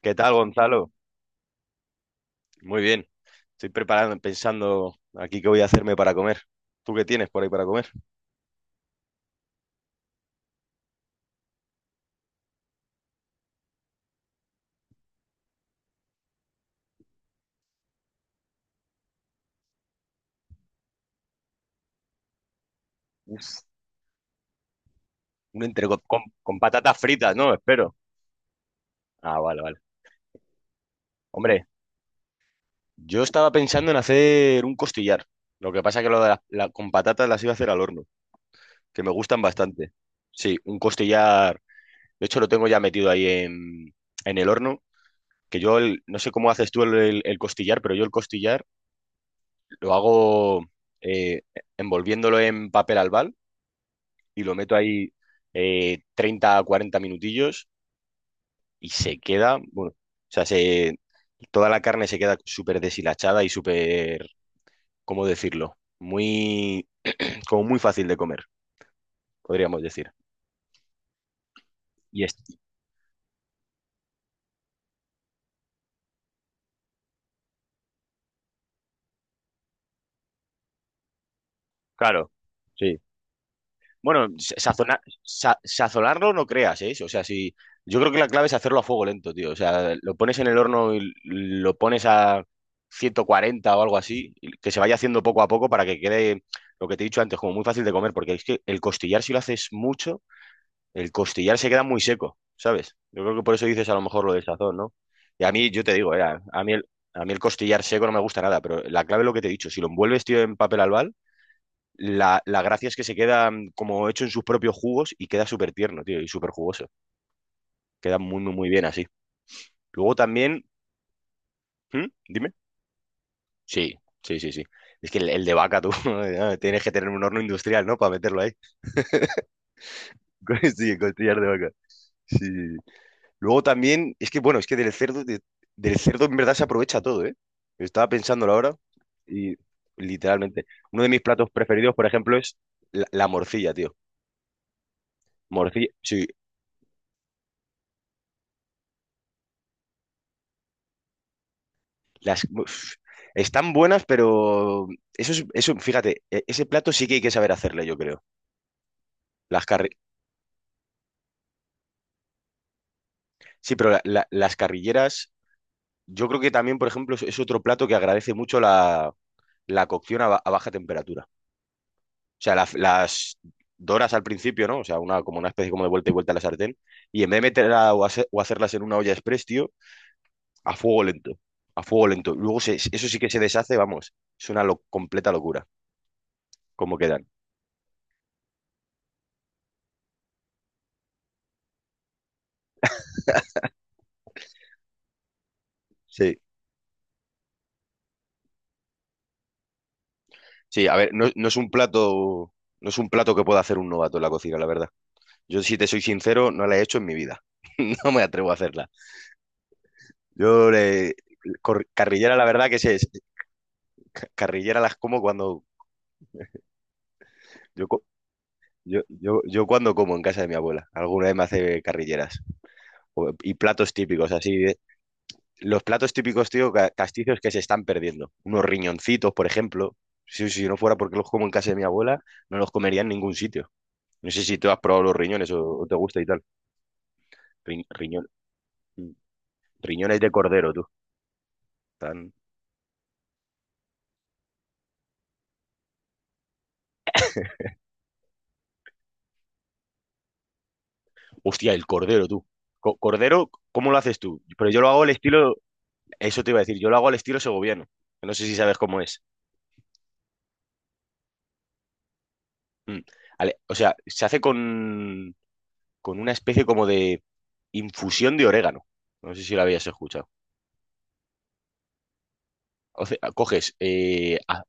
¿Qué tal, Gonzalo? Muy bien. Estoy preparando, pensando aquí qué voy a hacerme para comer. ¿Tú qué tienes por ahí para comer? Uf. Un entrecot con patatas fritas, ¿no? Espero. Ah, vale, vale. Hombre, yo estaba pensando en hacer un costillar. Lo que pasa que lo de con patatas las iba a hacer al horno, que me gustan bastante. Sí, un costillar. De hecho, lo tengo ya metido ahí en el horno, no sé cómo haces tú el, el costillar, pero yo el costillar lo hago eh, envolviéndolo en papel albal y lo meto ahí 30 a 40 minutillos y se queda, bueno, o sea, toda la carne se queda súper deshilachada y súper, ¿cómo decirlo? Muy, como muy fácil de comer, podríamos decir. Y es, claro, sí. Bueno, sazonarlo no creas, ¿eh? O sea, si yo creo que la clave es hacerlo a fuego lento, tío. O sea, lo pones en el horno y lo pones a 140 o algo así, y que se vaya haciendo poco a poco para que quede lo que te he dicho antes, como muy fácil de comer, porque es que el costillar, si lo haces mucho, el costillar se queda muy seco, ¿sabes? Yo creo que por eso dices a lo mejor lo del sazón, ¿no? Y a mí, yo te digo, era, a mí el costillar seco no me gusta nada, pero la clave es lo que te he dicho, si lo envuelves, tío, en papel albal la gracia es que se queda como hecho en sus propios jugos y queda súper tierno, tío, y súper jugoso. Queda muy, muy, muy bien así. Luego también, ¿hmm? Dime. Sí, sí, sí, sí. Es que el de vaca, tú, tienes que tener un horno industrial, ¿no? Para meterlo ahí. Sí, costillar de vaca. Sí, sí, sí. Luego también, es que bueno, es que del cerdo, del cerdo en verdad se aprovecha todo, ¿eh? Estaba pensándolo ahora y literalmente. Uno de mis platos preferidos, por ejemplo, es la morcilla, tío. Morcilla, sí. Las, uf, están buenas, pero eso es, eso, fíjate, ese plato sí que hay que saber hacerle, yo creo. Las carri- sí, pero las carrilleras, yo creo que también, por ejemplo, es otro plato que agradece mucho la, la cocción a baja temperatura. O sea, las doras al principio, ¿no? O sea, una, como una especie como de vuelta y vuelta a la sartén. Y en vez de meterla o hacerlas en una olla express, tío, a fuego lento. A fuego lento. Luego eso sí que se deshace, vamos. Es una completa locura, cómo quedan. Sí. Sí, a ver, no, no es un plato que pueda hacer un novato en la cocina, la verdad. Yo, si te soy sincero, no la he hecho en mi vida. No me atrevo a hacerla. Yo, carrillera, la verdad que sé, carrillera las como cuando, yo, co- yo cuando como en casa de mi abuela. Alguna vez me hace carrilleras. Y platos típicos, así. Los platos típicos, tío, castizos que se están perdiendo. Unos riñoncitos, por ejemplo. Si, si no fuera porque los como en casa de mi abuela, no los comería en ningún sitio. No sé si tú has probado los riñones o te gusta y tal. Ri- riñón- mm, riñones de cordero, tú. Tan... Hostia, el cordero, tú. Cordero, ¿cómo lo haces tú? Pero yo lo hago al estilo, eso te iba a decir, yo lo hago al estilo segoviano. No sé si sabes cómo es. Mm. O sea, se hace con una especie como de infusión de orégano. No sé si lo habías escuchado. O sea, coges, eh, a-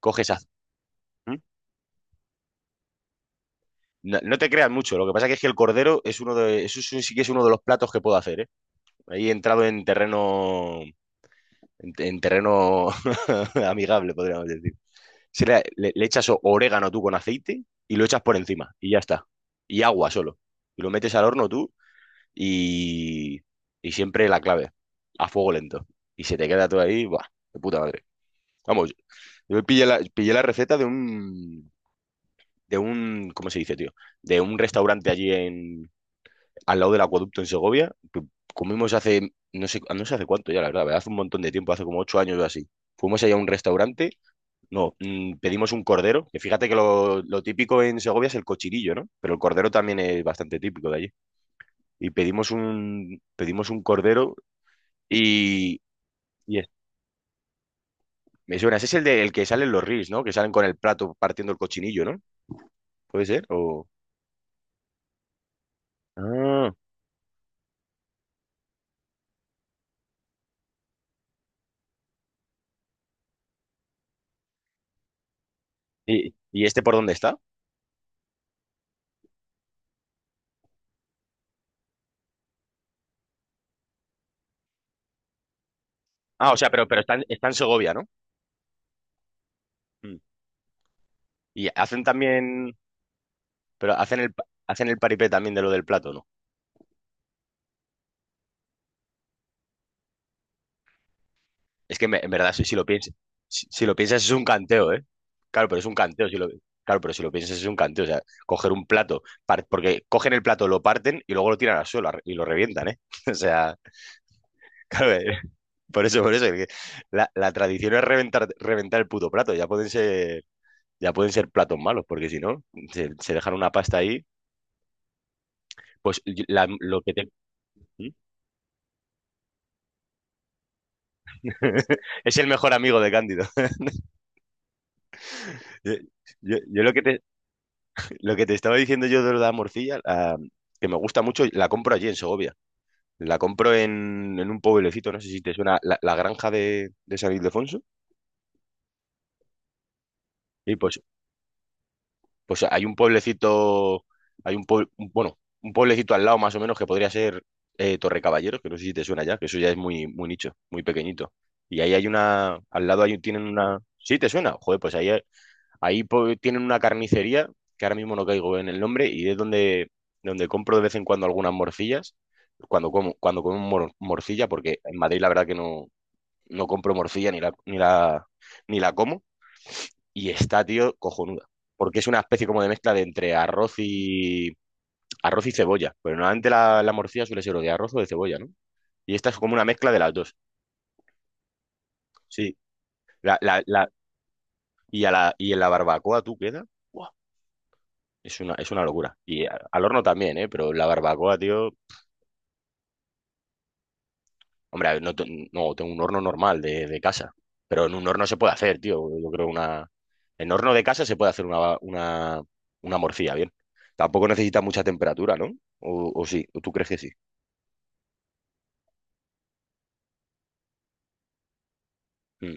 coges az- ¿Mm? No, no te creas mucho, lo que pasa que es que el cordero es uno de, eso sí sí que es uno de los platos que puedo hacer, ¿eh? Ahí he entrado en terreno amigable, podríamos decir. Si le echas orégano tú con aceite y lo echas por encima y ya está. Y agua solo. Y lo metes al horno tú y, y siempre la clave, a fuego lento. Y se te queda todo ahí, ¡buah! De puta madre. Vamos, yo pillé la receta ¿cómo se dice, tío? De un restaurante allí al lado del acueducto en Segovia, que comimos hace, no sé hace cuánto ya, la verdad, hace un montón de tiempo, hace como 8 años o así. Fuimos allá a un restaurante. No, mm, pedimos un cordero, que fíjate que lo típico en Segovia es el cochirillo, ¿no? Pero el cordero también es bastante típico de allí. Y pedimos un cordero y, y es- me suena, ese es el que salen los reels, ¿no? Que salen con el plato partiendo el cochinillo, ¿no? ¿Puede ser? O... Ah, ¿y este por dónde está? Ah, o sea, pero está en Segovia, ¿no? Mm. Y hacen también, pero hacen el paripé también de lo del plato, ¿no? Es que en verdad, si, si lo piensas, si, si lo piensas es un canteo, ¿eh? Claro, pero es un canteo, si lo, claro, pero si lo piensas es un canteo, o sea, coger un plato, porque cogen el plato, lo parten y luego lo tiran al suelo y lo revientan, ¿eh? O sea, claro, por eso, que la tradición es reventar el puto plato, ya pueden ser platos malos, porque si no, se dejan una pasta ahí, pues lo que te. Es el mejor amigo de Cándido. Yo, yo- yo lo que te, Lo que te estaba diciendo yo de la morcilla, que me gusta mucho, la compro allí en Segovia. La compro en un pueblecito, no sé si te suena, La Granja de San Ildefonso. Y pues, hay un pueblecito, hay un pueblo, bueno, un pueblecito al lado más o menos que podría ser Torre Caballeros, que no sé si te suena ya, que eso ya es muy, muy nicho, muy pequeñito. Y ahí hay una, al lado hay, tienen una. Sí, te suena. Joder, pues ahí tienen una carnicería, que ahora mismo no caigo en el nombre, y es donde, donde compro de vez en cuando algunas morcillas, cuando como morcilla, porque en Madrid la verdad que no, no compro morcilla ni la como, y está, tío, cojonuda. Porque es una especie como de mezcla de entre arroz y cebolla. Pero normalmente la morcilla suele ser o de arroz o de cebolla, ¿no? Y esta es como una mezcla de las dos. Sí. La, y, a la, y en la barbacoa tú queda. Es una locura. Y al horno también, ¿eh? Pero la barbacoa, tío. Hombre, a ver, no, no, tengo un horno normal de casa. Pero en un horno se puede hacer, tío. Yo creo una. En horno de casa se puede hacer una, una morcilla, bien. Tampoco necesita mucha temperatura, ¿no? O sí, ¿o tú crees que sí? Mm.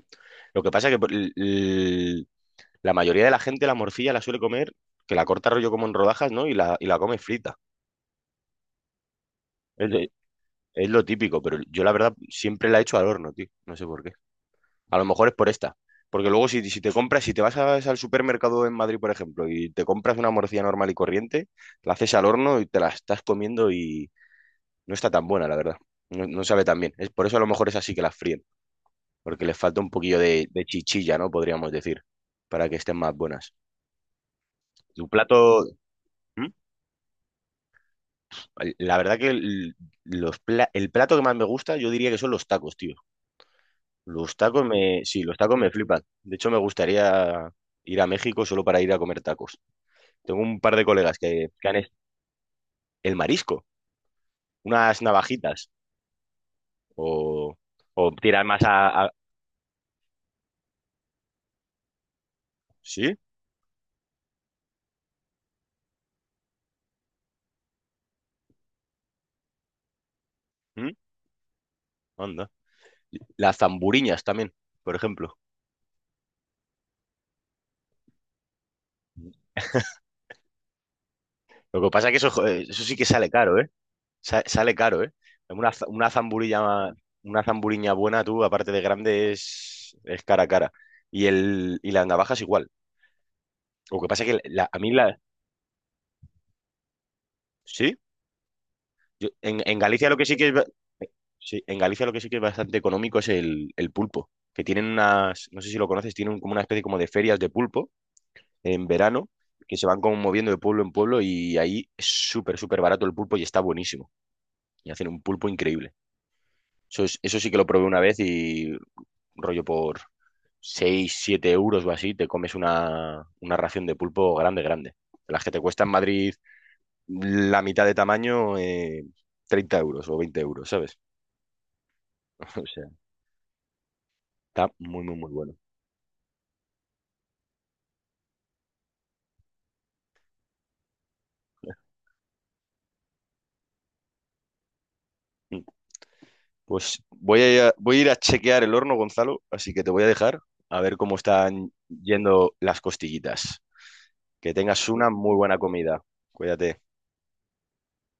Lo que pasa es que la mayoría de la gente la morcilla la suele comer, que la corta rollo como en rodajas, ¿no? Y la come frita. Es, de- es lo típico, pero yo la verdad siempre la he hecho al horno, tío. No sé por qué. A lo mejor es por esta. Porque luego si, si te compras, si te vas al supermercado en Madrid, por ejemplo, y te compras una morcilla normal y corriente, la haces al horno y te la estás comiendo y no está tan buena, la verdad. No, no sabe tan bien. Es por eso a lo mejor es así que las fríen, porque les falta un poquillo de chichilla, ¿no? Podríamos decir, para que estén más buenas. Tu plato... ¿Mm? La verdad que el, el plato que más me gusta, yo diría que son los tacos, tío. Los tacos me... Sí, los tacos me flipan. De hecho, me gustaría ir a México solo para ir a comer tacos. Tengo un par de colegas que han el marisco, unas navajitas, o, o tiran más ¿Sí? ¿Mm? Anda. Las zamburiñas también, por ejemplo. Lo que pasa es que eso, joder, eso sí que sale caro, ¿eh? Sale caro, ¿eh? Una zamburilla, una zamburiña buena, tú, aparte de grande, es cara a cara. Y las navajas igual. Lo que pasa es que a mí la... ¿Sí? En Galicia lo que sí que es... Sí, en Galicia lo que sí que es bastante económico es el pulpo, que tienen unas, no sé si lo conoces, tienen como una especie como de ferias de pulpo en verano, que se van como moviendo de pueblo en pueblo y ahí es súper, súper barato el pulpo y está buenísimo. Y hacen un pulpo increíble. Eso, eso sí que lo probé una vez y rollo por 6 7 euros o así, te comes una ración de pulpo grande, grande. De las que te cuesta en Madrid la mitad de tamaño, 30 euros o 20 euros, ¿sabes? O sea, está muy, muy, muy bueno. Pues voy a, voy a ir a chequear el horno, Gonzalo, así que te voy a dejar a ver cómo están yendo las costillitas. Que tengas una muy buena comida. Cuídate.